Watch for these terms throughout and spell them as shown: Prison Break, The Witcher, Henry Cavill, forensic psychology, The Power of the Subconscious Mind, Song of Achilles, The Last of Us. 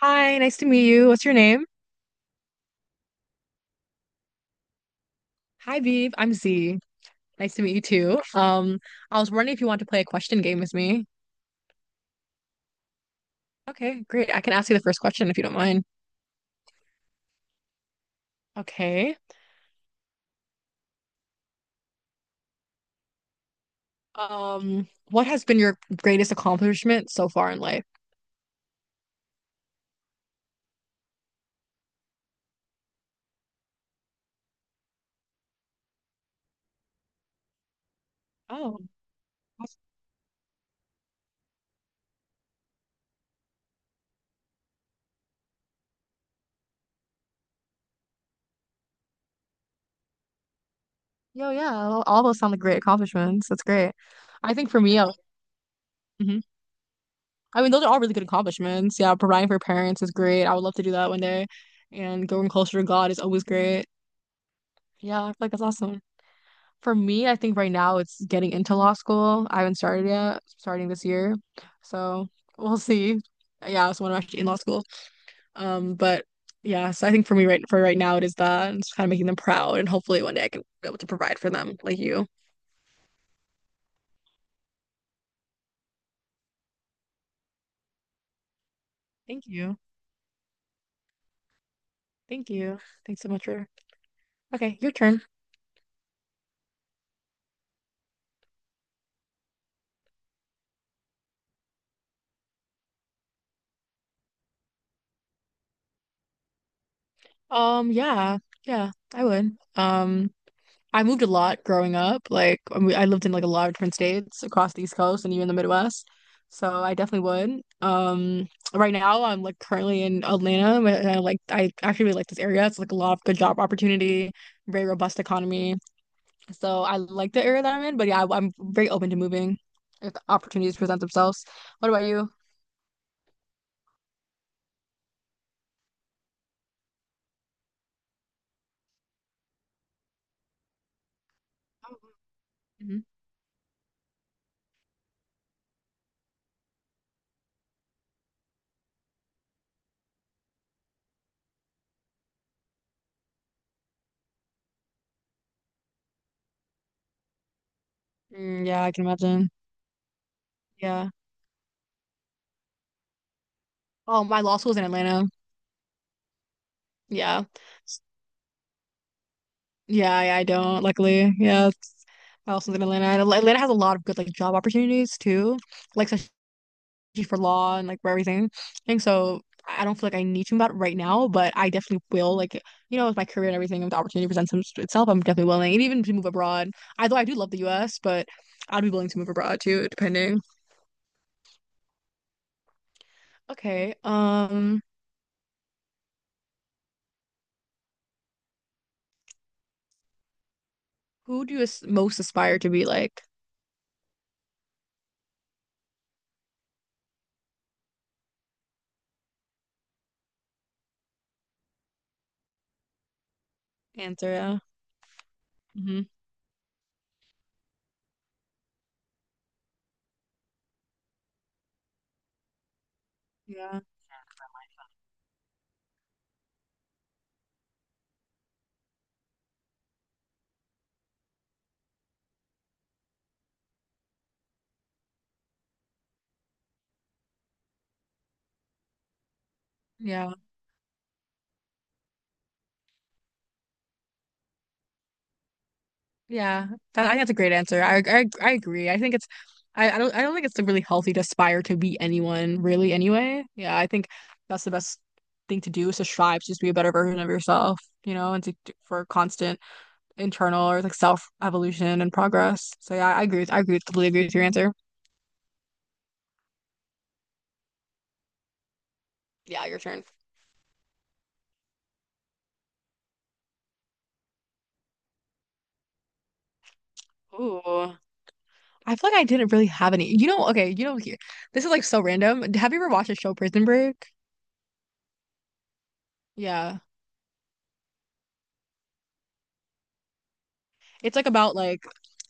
Hi, nice to meet you. What's your name? Hi, Beeb. I'm Z. Nice to meet you too. I was wondering if you want to play a question game with me. Okay, great. I can ask you the first question if you don't mind. Okay. What has been your greatest accomplishment so far in life? Oh, that's- yeah. All those sound like great accomplishments. That's great. I think for me, I, Mhm. I mean, those are all really good accomplishments. Yeah, providing for parents is great. I would love to do that one day. And going closer to God is always great. Yeah, I feel like that's awesome. For me, I think right now it's getting into law school. I haven't started yet, starting this year. So we'll see. Yeah, so when I'm actually in law school. But yeah, so I think for me for right now it is that, and it's kind of making them proud and hopefully one day I can be able to provide for them like you. Thank you. Thank you. Thanks so much for okay, your turn. Yeah, yeah, I would. I moved a lot growing up. Like I I lived in like a lot of different states across the East Coast and even the Midwest. So I definitely would. Right now I'm like currently in Atlanta, but I like I actually really like this area. It's like a lot of good job opportunity, very robust economy. So I like the area that I'm in, but yeah, I am very open to moving if the opportunities present themselves. What about you? Mhm. Mm, yeah, I can imagine. Yeah. Oh, my law school's in Atlanta. Yeah. S- Yeah, yeah, I don't, luckily. Yeah, I also live in Atlanta. And Atlanta has a lot of good like job opportunities too, like especially for law and like for everything. And so I don't feel like I need to move out right now, but I definitely will. Like you know, with my career and everything, if the opportunity itself, I'm definitely willing. And even to move abroad, I though I do love the U.S., but I'd be willing to move abroad too, depending. Okay. Who do you most aspire to be like? Answer. Yeah. Hmm. Yeah. Yeah. Yeah, I think that's a great answer. I agree. I think it's I don't I don't think it's really healthy to aspire to be anyone really anyway. Yeah, I think that's the best thing to do is to strive to just be a better version of yourself, you know, and to for constant internal or like self evolution and progress. So yeah, I agree completely agree with your answer. Yeah, your turn. Ooh. I feel like I didn't really have any. You know, okay, you know here. This is like so random. Have you ever watched the show Prison Break? Yeah. It's like about like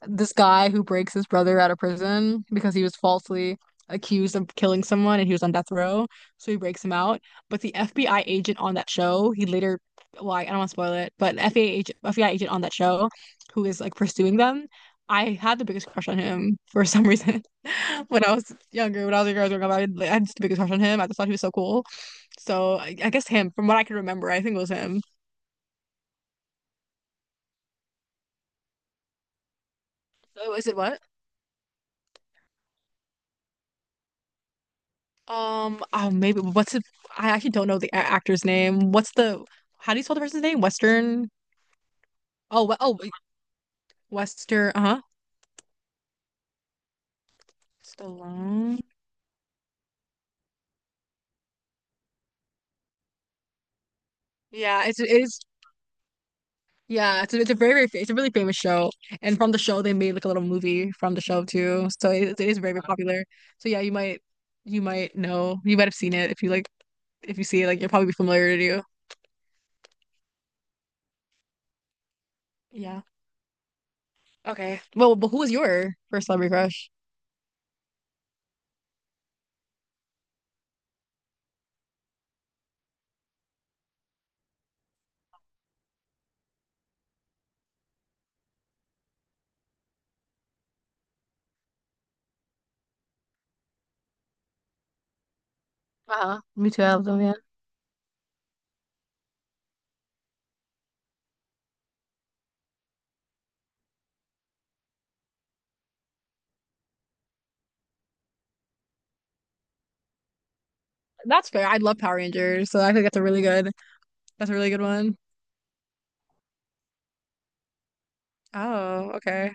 this guy who breaks his brother out of prison because he was falsely accused of killing someone and he was on death row. So he breaks him out. But the FBI agent on that show, he later, well, I don't want to spoil it, but FBI agent on that show who is like pursuing them, I had the biggest crush on him for some reason when I was younger, when I was a girl growing up, I had, like, I had just the biggest crush on him. I just thought he was so cool. So I guess him, from what I can remember, I think it was him. Oh, is it what? Oh, maybe what's it? I actually don't know the actor's name. What's the? How do you spell the person's name? Western. Oh, oh, wait, Western. Uh-huh. Stallone. Yeah, it's it is. Yeah, it's a, it's a it's a really famous show, and from the show they made like a little movie from the show too. So it is very very popular. So yeah, you might know you might have seen it if you like if you see it like you'll probably be familiar to you. Yeah. Okay. Well, but who was your first celebrity crush? Uh-huh. Me too, I love them, yeah. That's fair. I love Power Rangers, so I think that's a really good that's a really good one. Oh, okay.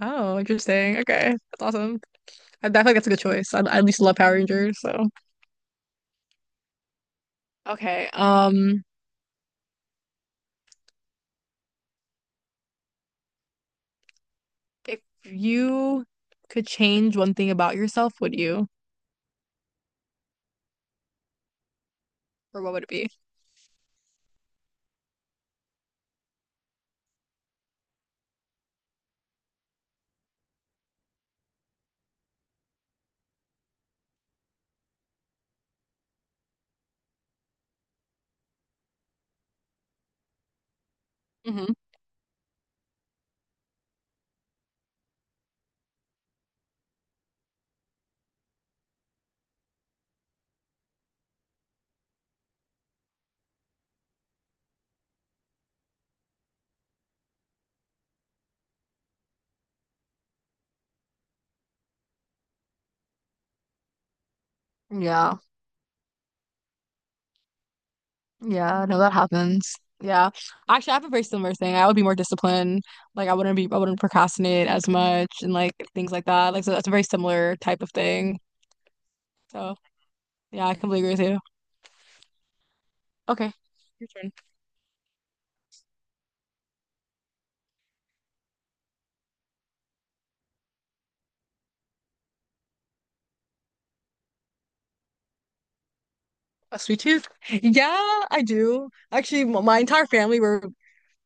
Oh, interesting. Okay. That's awesome. I feel like that's a good choice. I at least love Power Rangers, so okay. If you could change one thing about yourself, would you? Or what would it be? Hmm. Yeah. Yeah, no, that happens. Yeah. Actually, I have a very similar thing. I would be more disciplined. Like I wouldn't procrastinate as much and like things like that. Like so that's a very similar type of thing. So yeah, I completely agree with you. Okay, your turn. A sweet tooth? Yeah, I do. Actually, my entire family were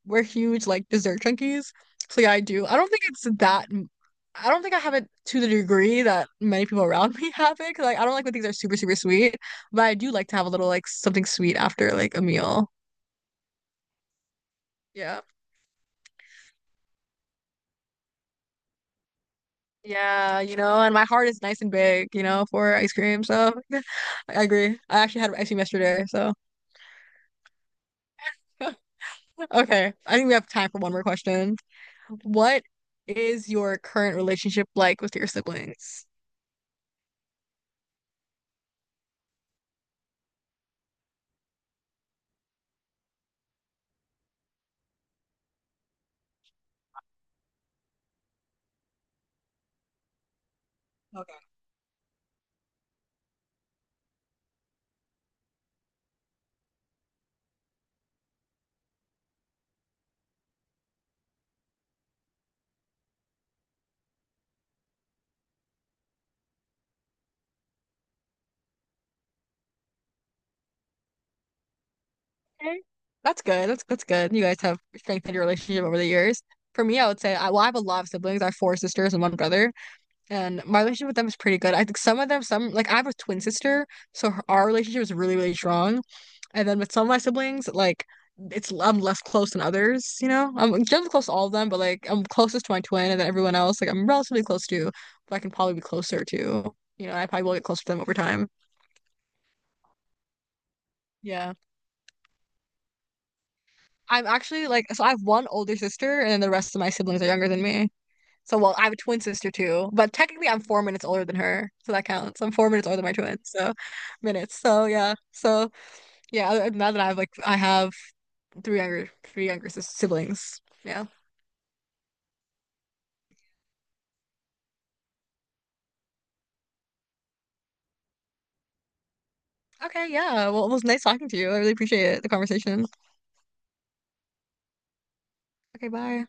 we're huge like dessert junkies. So yeah, I do. I don't think it's I don't think I have it to the degree that many people around me have it. 'Cause like I don't like when things are super sweet, but I do like to have a little like something sweet after like a meal. Yeah. Yeah, you know, and my heart is nice and big, you know, for ice cream. So I agree. I actually had ice cream yesterday. So okay, I think we have time for one more question. What is your current relationship like with your siblings? Okay. Okay. That's good. That's good. You guys have strengthened your relationship over the years. For me, I would say well, I have a lot of siblings. I have four sisters and one brother. And my relationship with them is pretty good. I think some of them, some like I have a twin sister, so her, our relationship is really, really strong. And then with some of my siblings, like it's I'm less close than others, you know? I'm generally close to all of them, but like I'm closest to my twin, and then everyone else, like I'm relatively close to, but I can probably be closer to, you know, I probably will get closer to them over time. Yeah. I'm actually like, so I have one older sister, and then the rest of my siblings are younger than me. So, well, I have a twin sister too, but technically I'm four minutes older than her, so that counts. I'm four minutes older than my twin, so minutes. So yeah, so yeah. Other than that, I have like I have three younger siblings. Yeah. Okay. Yeah. Well, it was nice talking to you. I really appreciate it, the conversation. Okay. Bye.